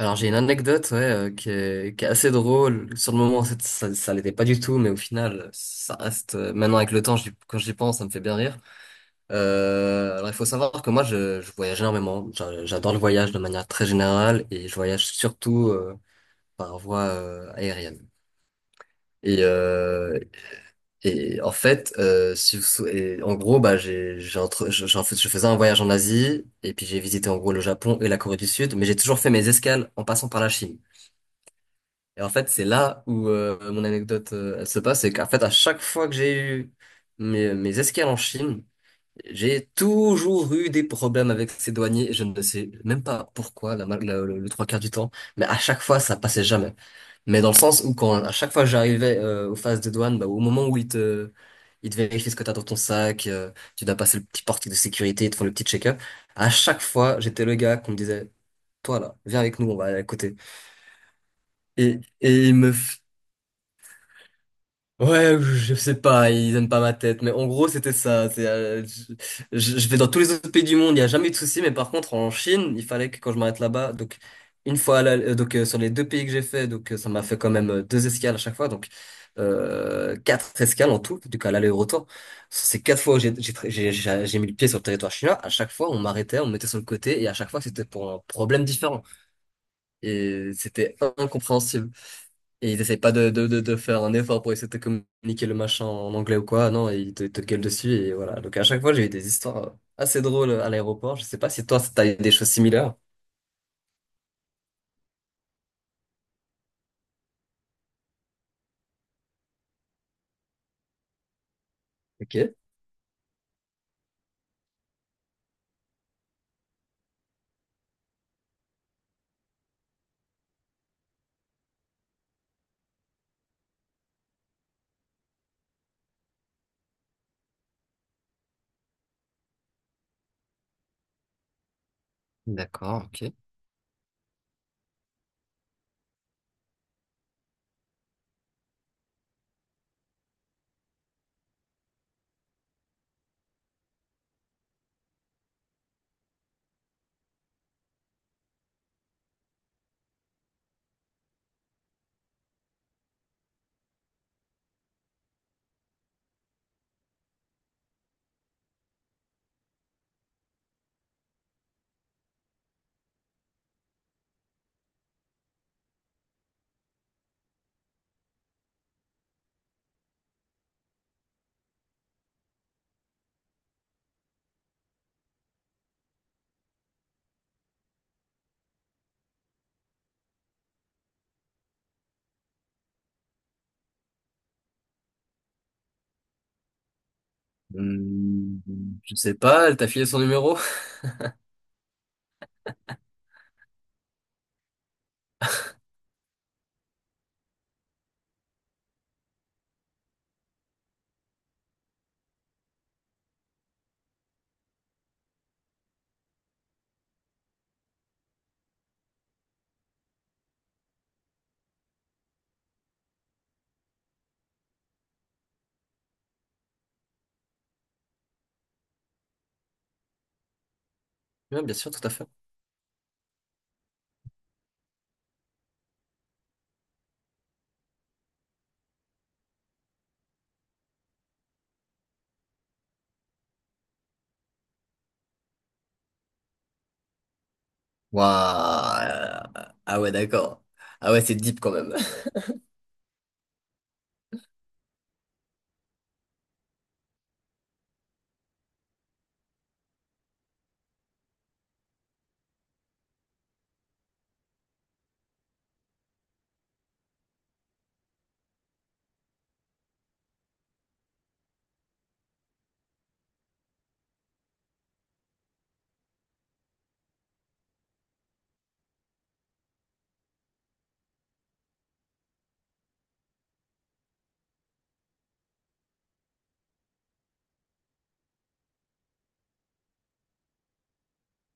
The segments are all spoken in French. Alors j'ai une anecdote ouais, qui est assez drôle. Sur le moment, ça l'était pas du tout, mais au final, ça reste. Maintenant, avec le temps, quand j'y pense, ça me fait bien rire. Alors il faut savoir que moi, je voyage énormément. J'adore le voyage de manière très générale et je voyage surtout par voie aérienne. Et, euh, et en fait, si vous sou- et en gros, bah, j'ai entre, je, j'en fais- je faisais un voyage en Asie et puis j'ai visité en gros le Japon et la Corée du Sud, mais j'ai toujours fait mes escales en passant par la Chine. Et en fait, c'est là où mon anecdote elle se passe, c'est qu'en fait, à chaque fois que j'ai eu mes escales en Chine, j'ai toujours eu des problèmes avec ces douaniers. Et je ne sais même pas pourquoi, la, ma- le trois quarts du temps, mais à chaque fois, ça passait jamais. Mais dans le sens où quand à chaque fois que j'arrivais aux phases de douane, bah, au moment où ils te vérifient ce que t'as dans ton sac, tu dois passer le petit portique de sécurité, ils te font le petit check-up. À chaque fois, j'étais le gars qu'on me disait, toi là, viens avec nous, on va aller à côté. Et, et il me, Ouais, je sais pas, ils aiment pas ma tête, mais en gros, c'était ça. Je vais dans tous les autres pays du monde, il n'y a jamais eu de souci, mais par contre, en Chine, il fallait que quand je m'arrête là-bas, donc une fois, donc sur les deux pays que j'ai fait, donc ça m'a fait quand même deux escales à chaque fois, donc quatre escales en tout, du coup à l'aller et au retour. C'est quatre fois où j'ai tra- j'ai mis le pied sur le territoire chinois, à chaque fois, on m'arrêtait, on me mettait sur le côté, et à chaque fois, c'était pour un problème différent, et c'était incompréhensible. Et ils essaient pas de faire un effort pour essayer de te communiquer le machin en anglais ou quoi. Non, ils te gueulent dessus et voilà. Donc à chaque fois, j'ai eu des histoires assez drôles à l'aéroport. Je sais pas si toi, t'as eu des choses similaires. Ok, d'accord, ok. Hmm, je sais pas, elle t'a filé son numéro? Ouais, bien sûr, tout à fait. Waouh. Ah ouais, d'accord. Ah ouais, c'est deep quand même.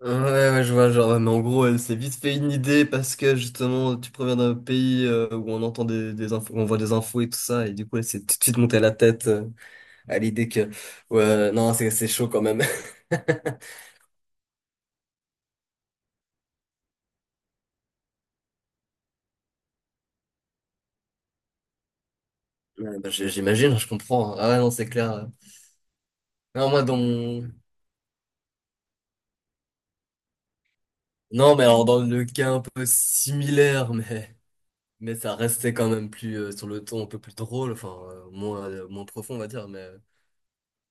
Ouais, ouais, je vois, genre, mais en gros, elle s'est vite fait une idée parce que justement, tu proviens d'un pays où on entend des infos, on voit des infos et tout ça, et du coup, elle s'est tout de suite montée à la tête à l'idée que, ouais, non, c'est chaud quand même. Ouais, bah, j'imagine, je comprends, hein. Ah ouais, non, c'est clair, ouais. Non, moi, dans mon... Non, mais alors, dans le cas un peu similaire, mais ça restait quand même plus sur le ton un peu plus drôle, enfin, moins, moins profond, on va dire, mais.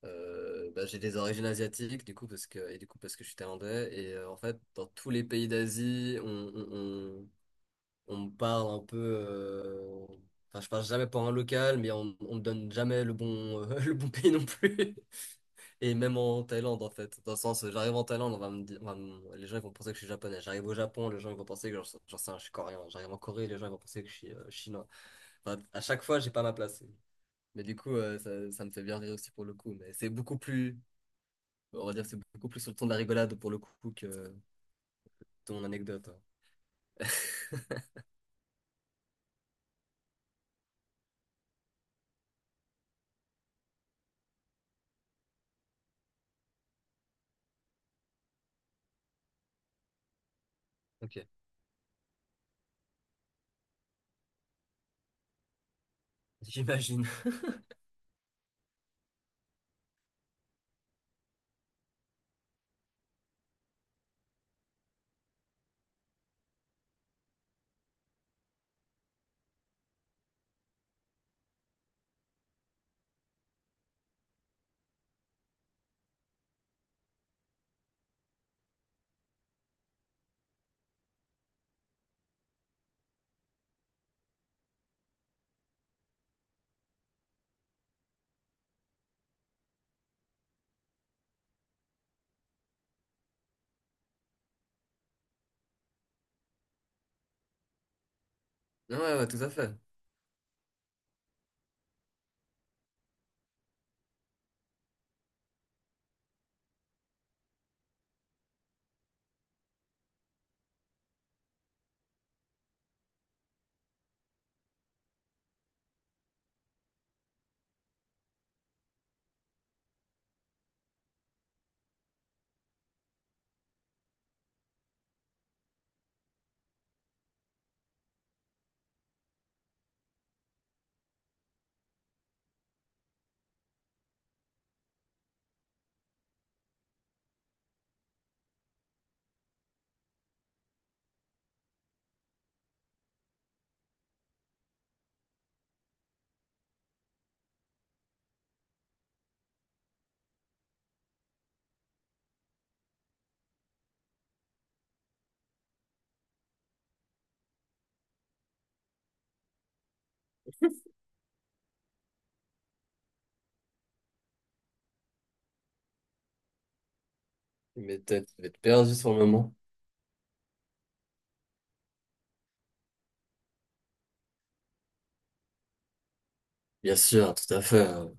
Bah, j'ai des origines asiatiques du coup parce que et du coup parce que je suis thaïlandais et en fait dans tous les pays d'Asie on me parle un peu enfin je parle jamais pour un local mais on me donne jamais le bon le bon pays non plus et même en Thaïlande en fait dans le sens j'arrive en Thaïlande on va me dire les gens ils vont penser que je suis japonais, j'arrive au Japon les gens ils vont penser que j'en sais rien, je suis coréen, j'arrive en Corée les gens ils vont penser que je suis chinois. Enfin, à chaque fois j'ai pas ma place mais du coup ça, ça me fait bien rire aussi pour le coup mais c'est beaucoup plus on va dire que c'est beaucoup plus sur le ton de la rigolade pour le coup que ton anecdote. Ok, j'imagine. Ouais, ouais, tout à fait. Mais t'as, tu devais être perdu sur le moment. Bien sûr, tout à fait, hein.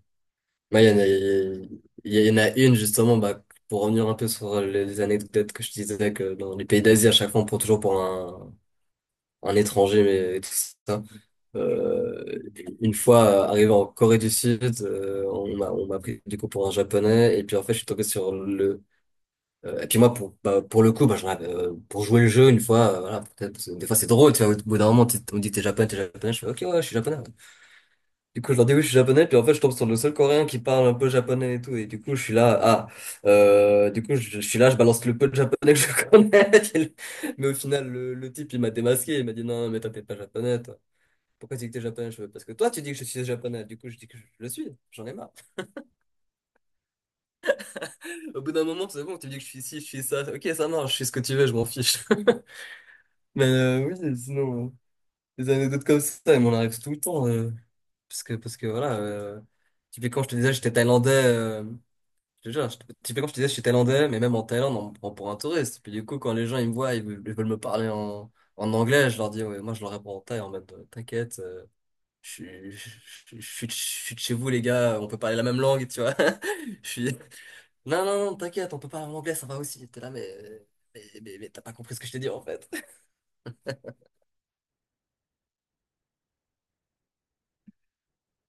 Moi, il y en a une, justement, bah, pour revenir un peu sur les anecdotes que je disais, que dans les pays d'Asie, à chaque fois, on prend toujours pour un étranger, mais et tout ça. Euh, une fois arrivé en Corée du Sud, on m'a pris du coup pour un japonais, et puis en fait, je suis tombé sur le, et puis moi, bah, pour le coup, bah, pour jouer le jeu, une fois, voilà, peut-être, parce que des fois c'est drôle, tu vois, au bout d'un moment, on me dit t'es japonais, je fais ok, ouais, je suis japonais. Ouais. Du coup, je leur dis oui, je suis japonais, puis en fait, je tombe sur le seul coréen qui parle un peu japonais et tout, et du coup, je suis là, ah, du coup, je suis là, je balance le peu de japonais que je connais, mais au final, le type, il m'a démasqué, il m'a dit non, mais toi, t'es pas japonais, toi. Pourquoi tu dis que t'es japonais? Je fais, parce que toi, tu dis que je suis japonais, du coup, je dis que je le suis, j'en ai marre. Au bout d'un moment, c'est bon, tu dis que je suis ci, je suis ça, ok, ça marche, je suis ce que tu veux, je m'en fiche. Mais oui, sinon, des anecdotes comme ça, il m'en arrive tout le temps. Parce que voilà, typiquement, je te disais, j'étais thaïlandais. Je te jure, typiquement, je te disais, j'étais thaïlandais, mais même en Thaïlande, on me prend pour un touriste. Puis du coup, quand les gens ils me voient, ils veulent me parler en anglais, je leur dis, ouais, moi, je leur réponds en thaï en mode, t'inquiète, je, suis- je, je suis de chez vous, les gars, on peut parler la même langue, tu vois. Je suis, non, non, non, t'inquiète, on peut parler en anglais, ça va aussi. T'es là, mais t'as pas compris ce que je t'ai dit, en fait.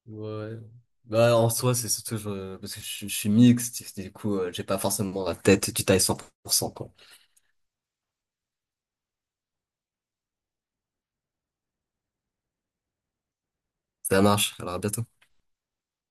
Ouais. Bah, en soi, c'est surtout parce que je suis mixte, du coup, j'ai pas forcément la tête du taille 100% quoi. Ça marche, alors à bientôt.